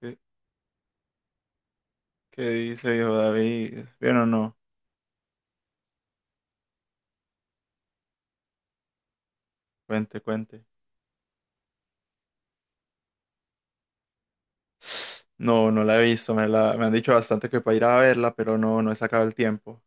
¿Qué, qué dice viejo David? ¿Bien o no? Cuente, cuente. No, no la he visto, me han dicho bastante que para ir a verla, pero no, no he sacado el tiempo.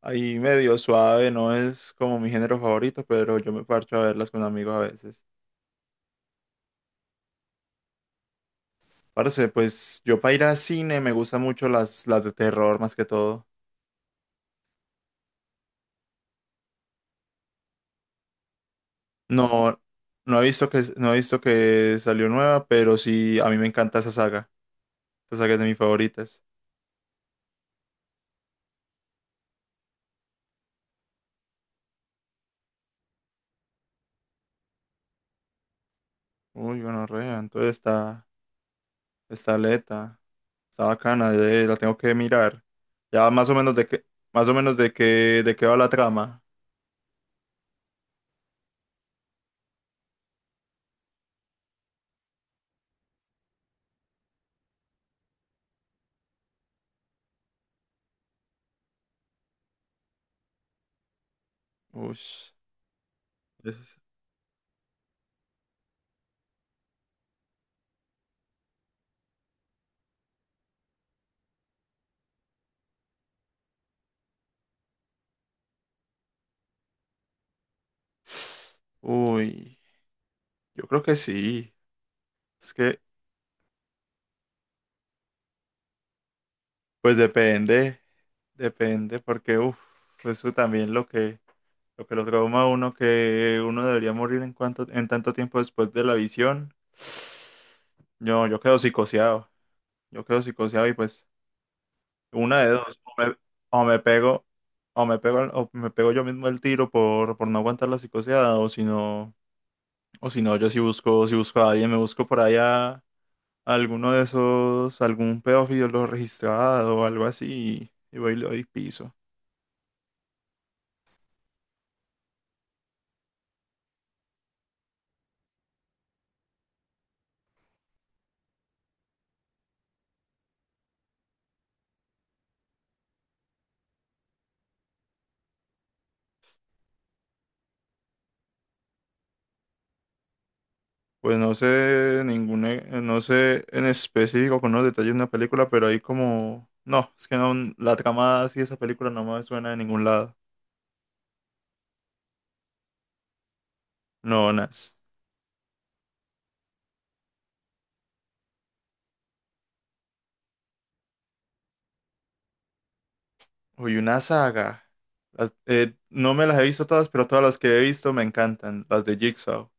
Ahí medio suave, no es como mi género favorito, pero yo me parcho a verlas con amigos a veces. Parce, pues yo para ir a cine me gustan mucho las de terror más que todo. No, no he visto que salió nueva, pero sí, a mí me encanta esa saga. Esa saga es de mis favoritas. Uy, bueno, entonces está, está aleta. Está bacana, la tengo que mirar. Ya más o menos de qué, más o menos de qué va la trama. Ush, es- Uy, yo creo que sí. Es que, pues depende, depende, porque uff, eso también lo que, lo que lo trauma a uno, que uno debería morir en tanto tiempo después de la visión. No, yo quedo psicoseado. Yo quedo psicoseado y pues. Una de dos, o me pego, o me pego yo mismo el tiro por no aguantar la psicoseada, o si no, yo si busco, si busco a alguien, me busco por allá a algún pedófilo lo registrado o algo así, y voy y le doy piso. Pues no sé ninguna, no sé en específico con los detalles de una película, pero hay como, no, es que no, la trama así de esa película no me suena de ningún lado. No, nada. Uy, una saga. No me las he visto todas, pero todas las que he visto me encantan. Las de Jigsaw.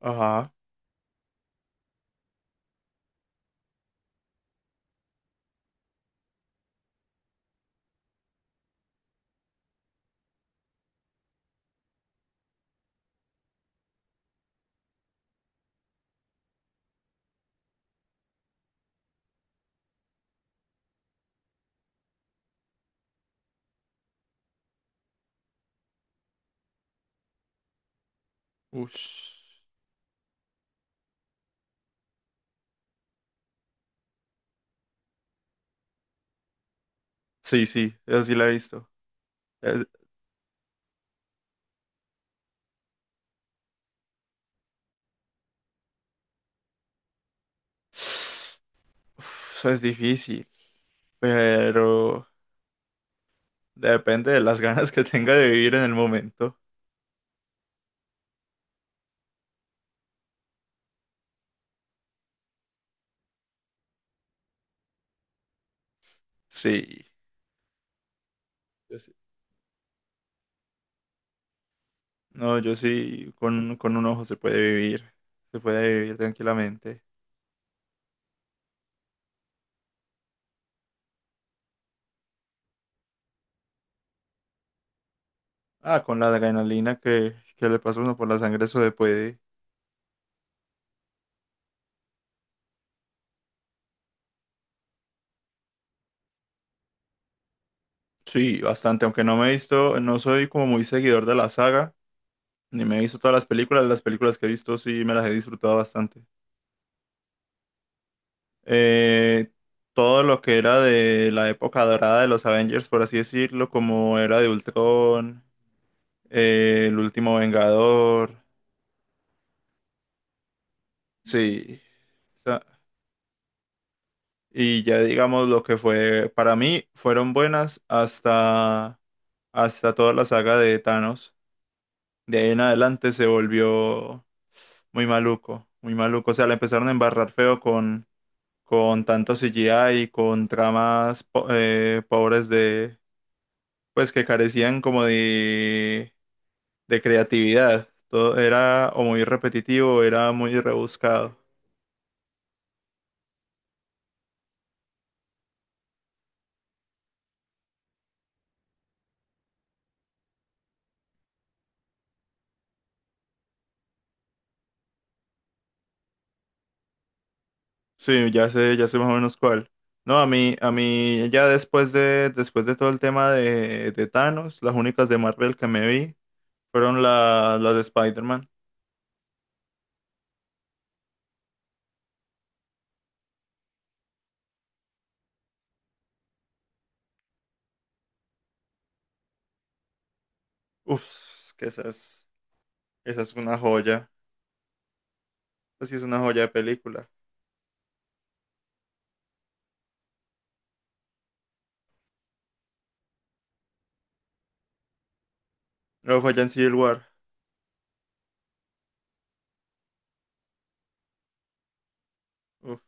Ajá. Ush. Sí, sí, eso sí la he visto. Es- Uf, eso es difícil, pero depende de las ganas que tenga de vivir en el momento. Sí. yo sí- No, yo sí, con un ojo se puede vivir. Se puede vivir tranquilamente. Ah, con la adrenalina que le pasa a uno por la sangre, eso se puede. Sí, bastante, aunque no me he visto, no soy como muy seguidor de la saga, ni me he visto todas las películas que he visto sí me las he disfrutado bastante. Eh, todo lo que era de la época dorada de los Avengers, por así decirlo, como era de Ultron, el último Vengador, sí. O sea, y ya digamos lo que fue, para mí fueron buenas hasta, hasta toda la saga de Thanos. De ahí en adelante se volvió muy maluco, muy maluco. O sea, la empezaron a embarrar feo con tanto CGI y con pobres de, pues que carecían como de creatividad. Todo era o muy repetitivo, o era muy rebuscado. Sí, ya sé más o menos cuál. No, a mí ya después de todo el tema de Thanos, las únicas de Marvel que me vi fueron las de Spider-Man. Uf, que esa es una joya. Así es una joya de película. Luego fue ya en Civil War. Uf,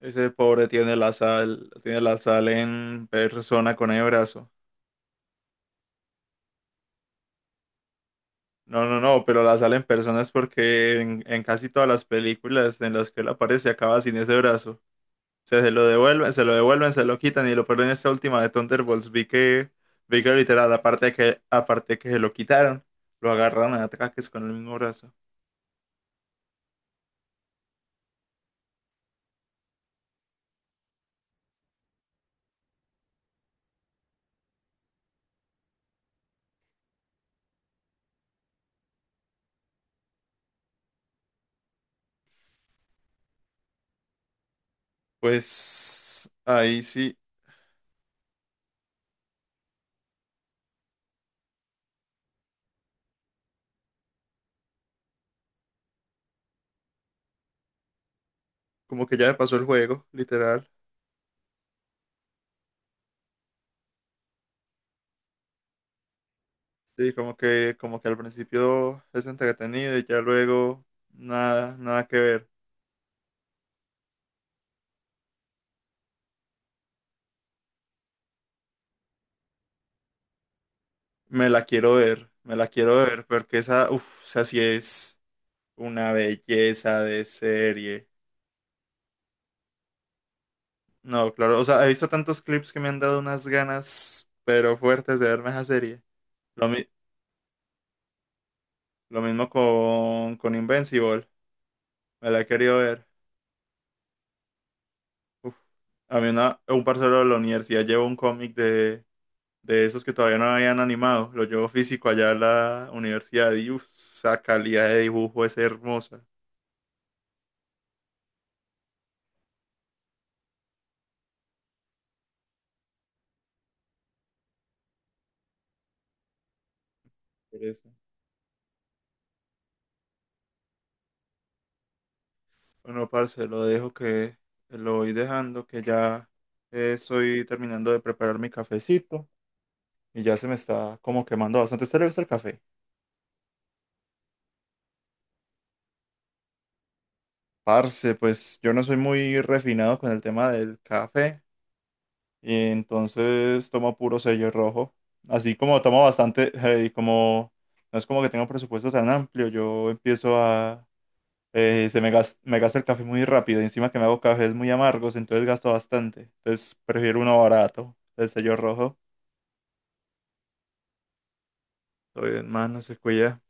ese pobre tiene la sal en persona con el brazo. No, no, no, pero la sal en persona es porque en casi todas las películas en las que él aparece acaba sin ese brazo. O sea, se lo devuelven, se lo devuelven, se lo quitan y lo ponen en esta última de Thunderbolts. Vi que literal, aparte de que se lo quitaron, lo agarran a ataques con el mismo brazo. Pues ahí sí, como que ya me pasó el juego, literal. Sí, como que al principio es entretenido y ya luego nada, nada que ver. Me la quiero ver, me la quiero ver, porque esa, uff, o sea, sí es una belleza de serie. No, claro, o sea, he visto tantos clips que me han dado unas ganas, pero fuertes de verme esa serie. Lo, mi- lo mismo con Invincible, me la he querido ver. Uf. A mí un parcero de la universidad llevó un cómic de esos que todavía no habían animado. Lo llevo físico allá a la universidad y uff, esa calidad de dibujo es hermosa. Por eso. Bueno, parce, lo voy dejando, que ya estoy terminando de preparar mi cafecito y ya se me está como quemando bastante. ¿A ¿Usted le gusta el café? Parce, pues yo no soy muy refinado con el tema del café y entonces tomo puro sello rojo. Así como tomo bastante, y como no es como que tenga un presupuesto tan amplio, yo empiezo a me gasto el café muy rápido y encima que me hago cafés muy amargos, entonces gasto bastante. Entonces prefiero uno barato, el sello rojo. Todo bien, más no se cuida.